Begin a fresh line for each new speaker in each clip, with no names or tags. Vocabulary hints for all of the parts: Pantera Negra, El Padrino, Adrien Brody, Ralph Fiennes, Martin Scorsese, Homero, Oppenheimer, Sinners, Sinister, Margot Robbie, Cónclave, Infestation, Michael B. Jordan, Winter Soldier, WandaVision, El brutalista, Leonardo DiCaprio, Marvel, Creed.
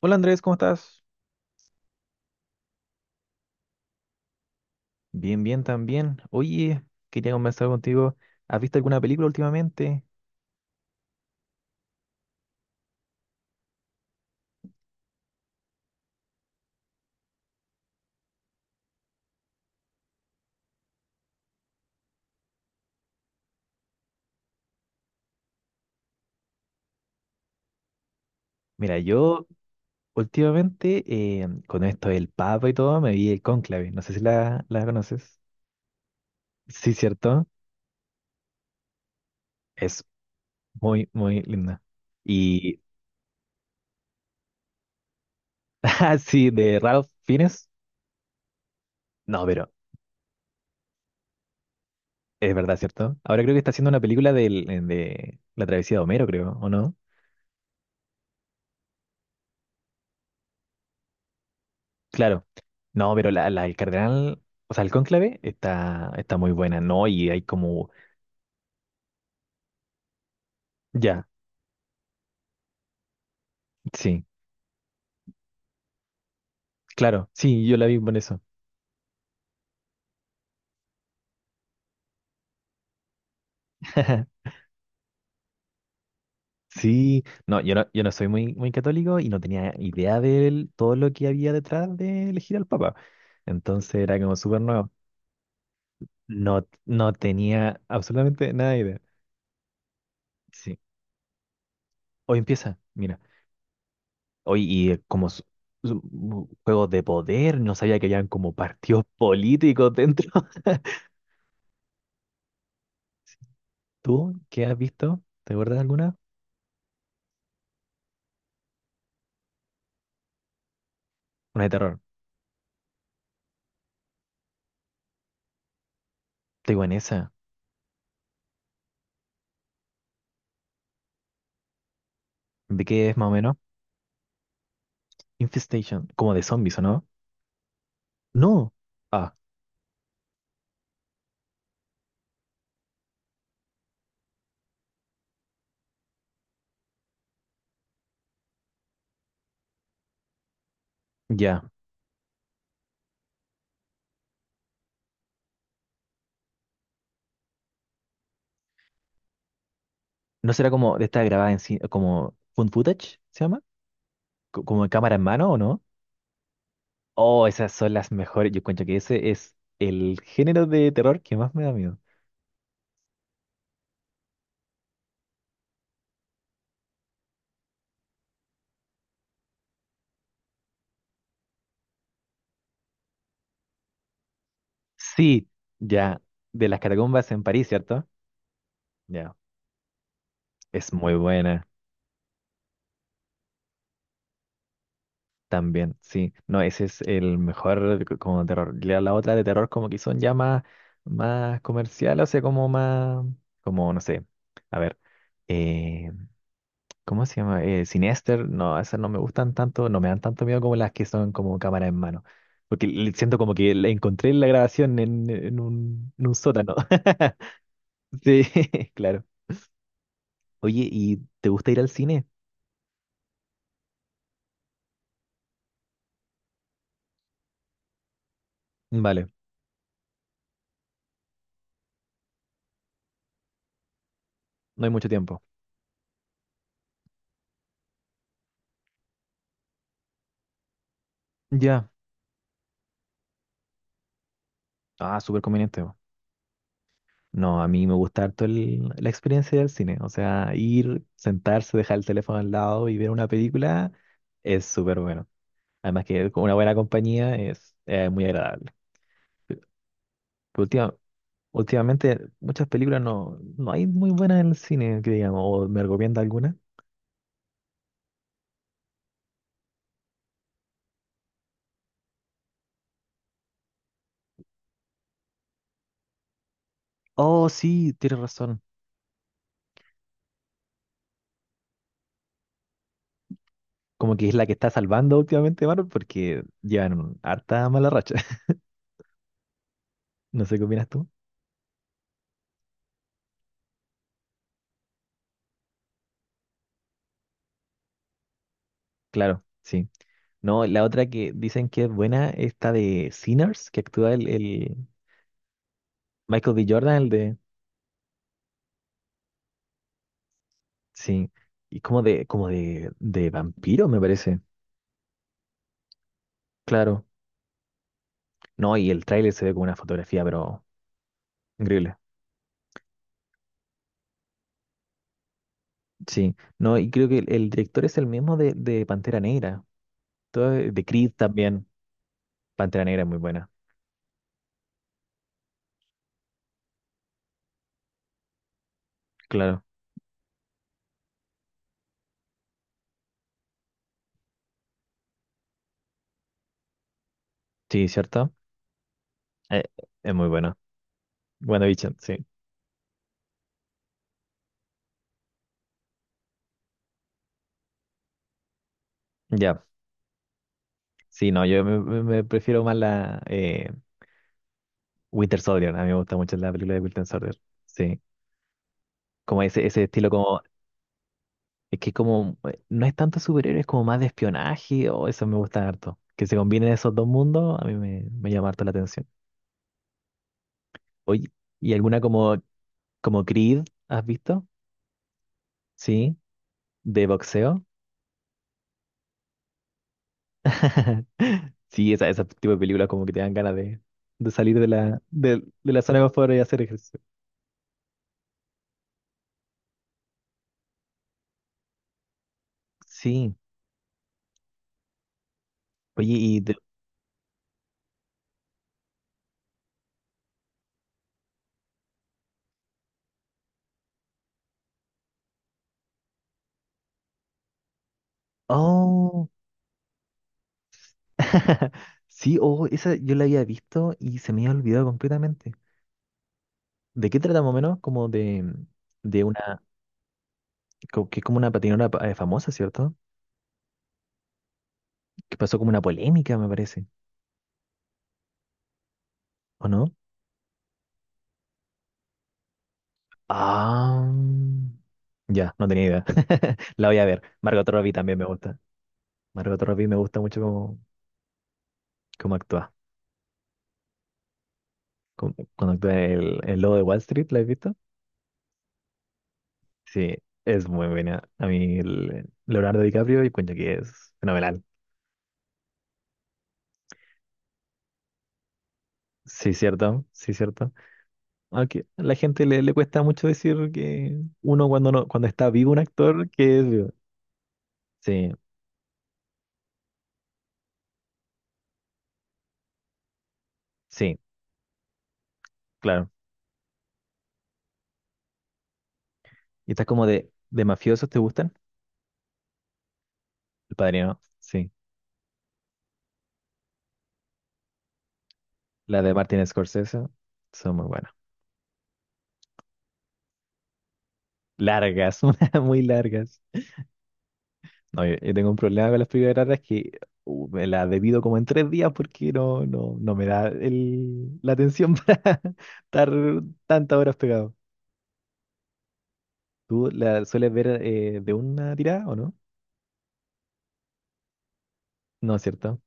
Hola Andrés, ¿cómo estás? Bien, bien también. Oye, quería conversar contigo. ¿Has visto alguna película últimamente? Mira, yo últimamente, con esto del Papa y todo, me vi el Cónclave. No sé si la conoces. Sí, cierto. Es muy linda. Y, ah, sí, de Ralph Fiennes. No, pero es verdad, ¿cierto? Ahora creo que está haciendo una película de la travesía de Homero, creo, ¿o no? Claro. No, pero el cardenal, o sea, el cónclave está muy buena, ¿no? Y hay como, ya, sí, claro, sí, yo la vi por eso. Sí, no, yo no soy muy católico y no tenía idea de todo lo que había detrás de elegir al Papa. Entonces era como súper nuevo. No, no tenía absolutamente nada de idea. Sí. Hoy empieza, mira. Hoy y como juegos de poder, no sabía que habían como partidos políticos dentro. ¿Tú qué has visto? ¿Te acuerdas de alguna? Una de terror. Taiwanesa. ¿De qué es más o menos? Infestation. Como de zombies, ¿o no? No. Ah, ya. ¿No será como de esta grabada en cine, como found footage, se llama? ¿Como en cámara en mano o no? Oh, esas son las mejores. Yo cuento que ese es el género de terror que más me da miedo. Sí, ya. De las catacumbas en París, ¿cierto? Ya. Es muy buena también, sí. No, ese es el mejor como terror. La otra de terror como que son ya más, más comercial, o sea, como más, como, no sé. A ver. eh, ¿Cómo se llama? Sinister, no, esas no me gustan tanto, no me dan tanto miedo como las que son como cámara en mano. Porque siento como que la encontré la grabación en un sótano. Sí, claro. Oye, ¿y te gusta ir al cine? Vale, no hay mucho tiempo. Ya. Ah, súper conveniente. No, a mí me gusta harto la experiencia del cine. O sea, ir, sentarse, dejar el teléfono al lado y ver una película es súper bueno. Además que con una buena compañía es muy agradable. Última- Últimamente muchas películas no hay muy buenas en el cine, que digamos, o me recomienda alguna. Oh, sí, tienes razón. Como que es la que está salvando últimamente Marvel porque llevan harta mala racha. No sé qué opinas tú. Claro, sí. No, la otra que dicen que es buena, esta de Sinners, que actúa el Michael B. Jordan, el de... Sí, y como de vampiro, me parece. Claro. No, y el tráiler se ve como una fotografía, pero increíble. Sí, no, y creo que el director es el mismo de Pantera Negra, de Creed también. Pantera Negra es muy buena, claro. Sí, ¿cierto? Eh, es muy bueno. WandaVision, sí. Ya, sí, no, me prefiero más la Winter Soldier, a mí me gusta mucho la película de Winter Soldier, sí. Como ese estilo como, es que como, no es tanto superhéroe, es como más de espionaje, o eso me gusta harto. Que se combinen esos dos mundos, a mí me llama harto la atención. Oye, ¿y alguna como, como Creed has visto? Sí. ¿De boxeo? Sí, esa, ese tipo de películas como que te dan ganas de salir de la zona de confort y hacer ejercicio. Sí. Oye, y de... Oh. Sí, oh, esa yo la había visto y se me había olvidado completamente. ¿De qué trata más o menos? Como de una... ¿Que es como una patinadora famosa, ¿cierto? Que pasó como una polémica, me parece. ¿O no? Ah. Ya, no tenía idea. La voy a ver. Margot Robbie también me gusta. Margot Robbie me gusta mucho como, cómo actúa. Cuando actúa el lobo de Wall Street, ¿la has visto? Sí, es muy buena. A mí Leonardo DiCaprio y cuento que es fenomenal. Sí, cierto, sí, cierto. Aunque a la gente le cuesta mucho decir que uno cuando no, cuando está vivo un actor que es vivo. Sí, sí, claro. ¿Y estas como de mafiosos te gustan? El Padrino, sí. Las de Martin Scorsese son muy buenas. Largas, muy largas. No, yo tengo un problema con las películas raras que me las debido como en tres días porque no me da el, la atención para estar tantas horas pegado. ¿Tú la sueles ver de una tirada o no? No es cierto.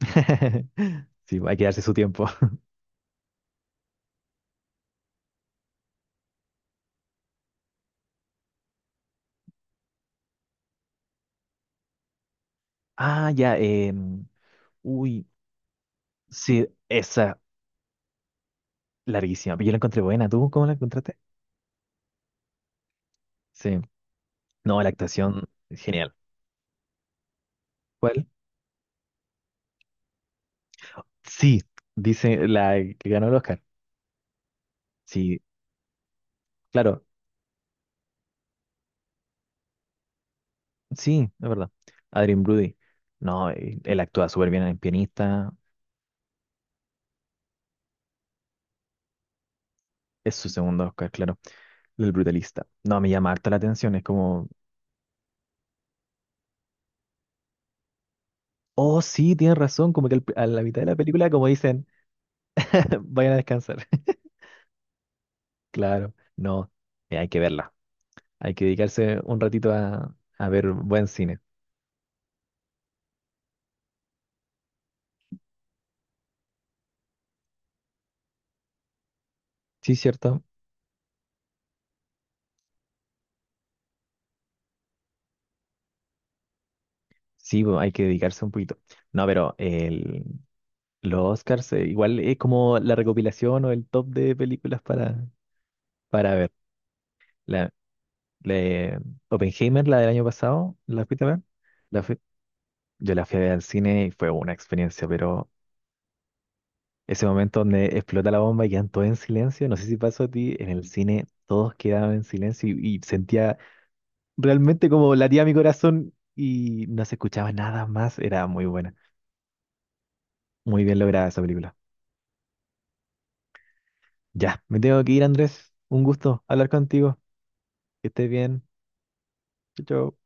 Sí, hay que darse su tiempo. Ah, ya, uy, sí, esa larguísima. Pero yo la encontré buena. ¿Tú cómo la encontraste? Sí. No, la actuación, genial. ¿Cuál? Sí, dice la que ganó el Oscar. Sí, claro. Sí, es verdad. Adrien Brody. No, él actúa súper bien en pianista. Es su segundo Oscar, claro. El brutalista. No, me llama harta la atención. Es como, oh, sí, tienes razón. Como que a la mitad de la película, como dicen, vayan a descansar. Claro, no. Hay que verla. Hay que dedicarse un ratito a ver buen cine. Sí, cierto. Sí, hay que dedicarse un poquito. No, pero los Oscars, igual es como la recopilación o el top de películas para ver. La- Le, Oppenheimer, la del año pasado, ¿la fuiste a ver? La fui- yo la fui a ver al cine y fue una experiencia, pero ese momento donde explota la bomba y quedan todos en silencio, no sé si pasó a ti, en el cine todos quedaban en silencio y sentía realmente como latía mi corazón y no se escuchaba nada más, era muy buena, muy bien lograda esa película. Ya, me tengo que ir, Andrés, un gusto hablar contigo, que estés bien, chao. Chao.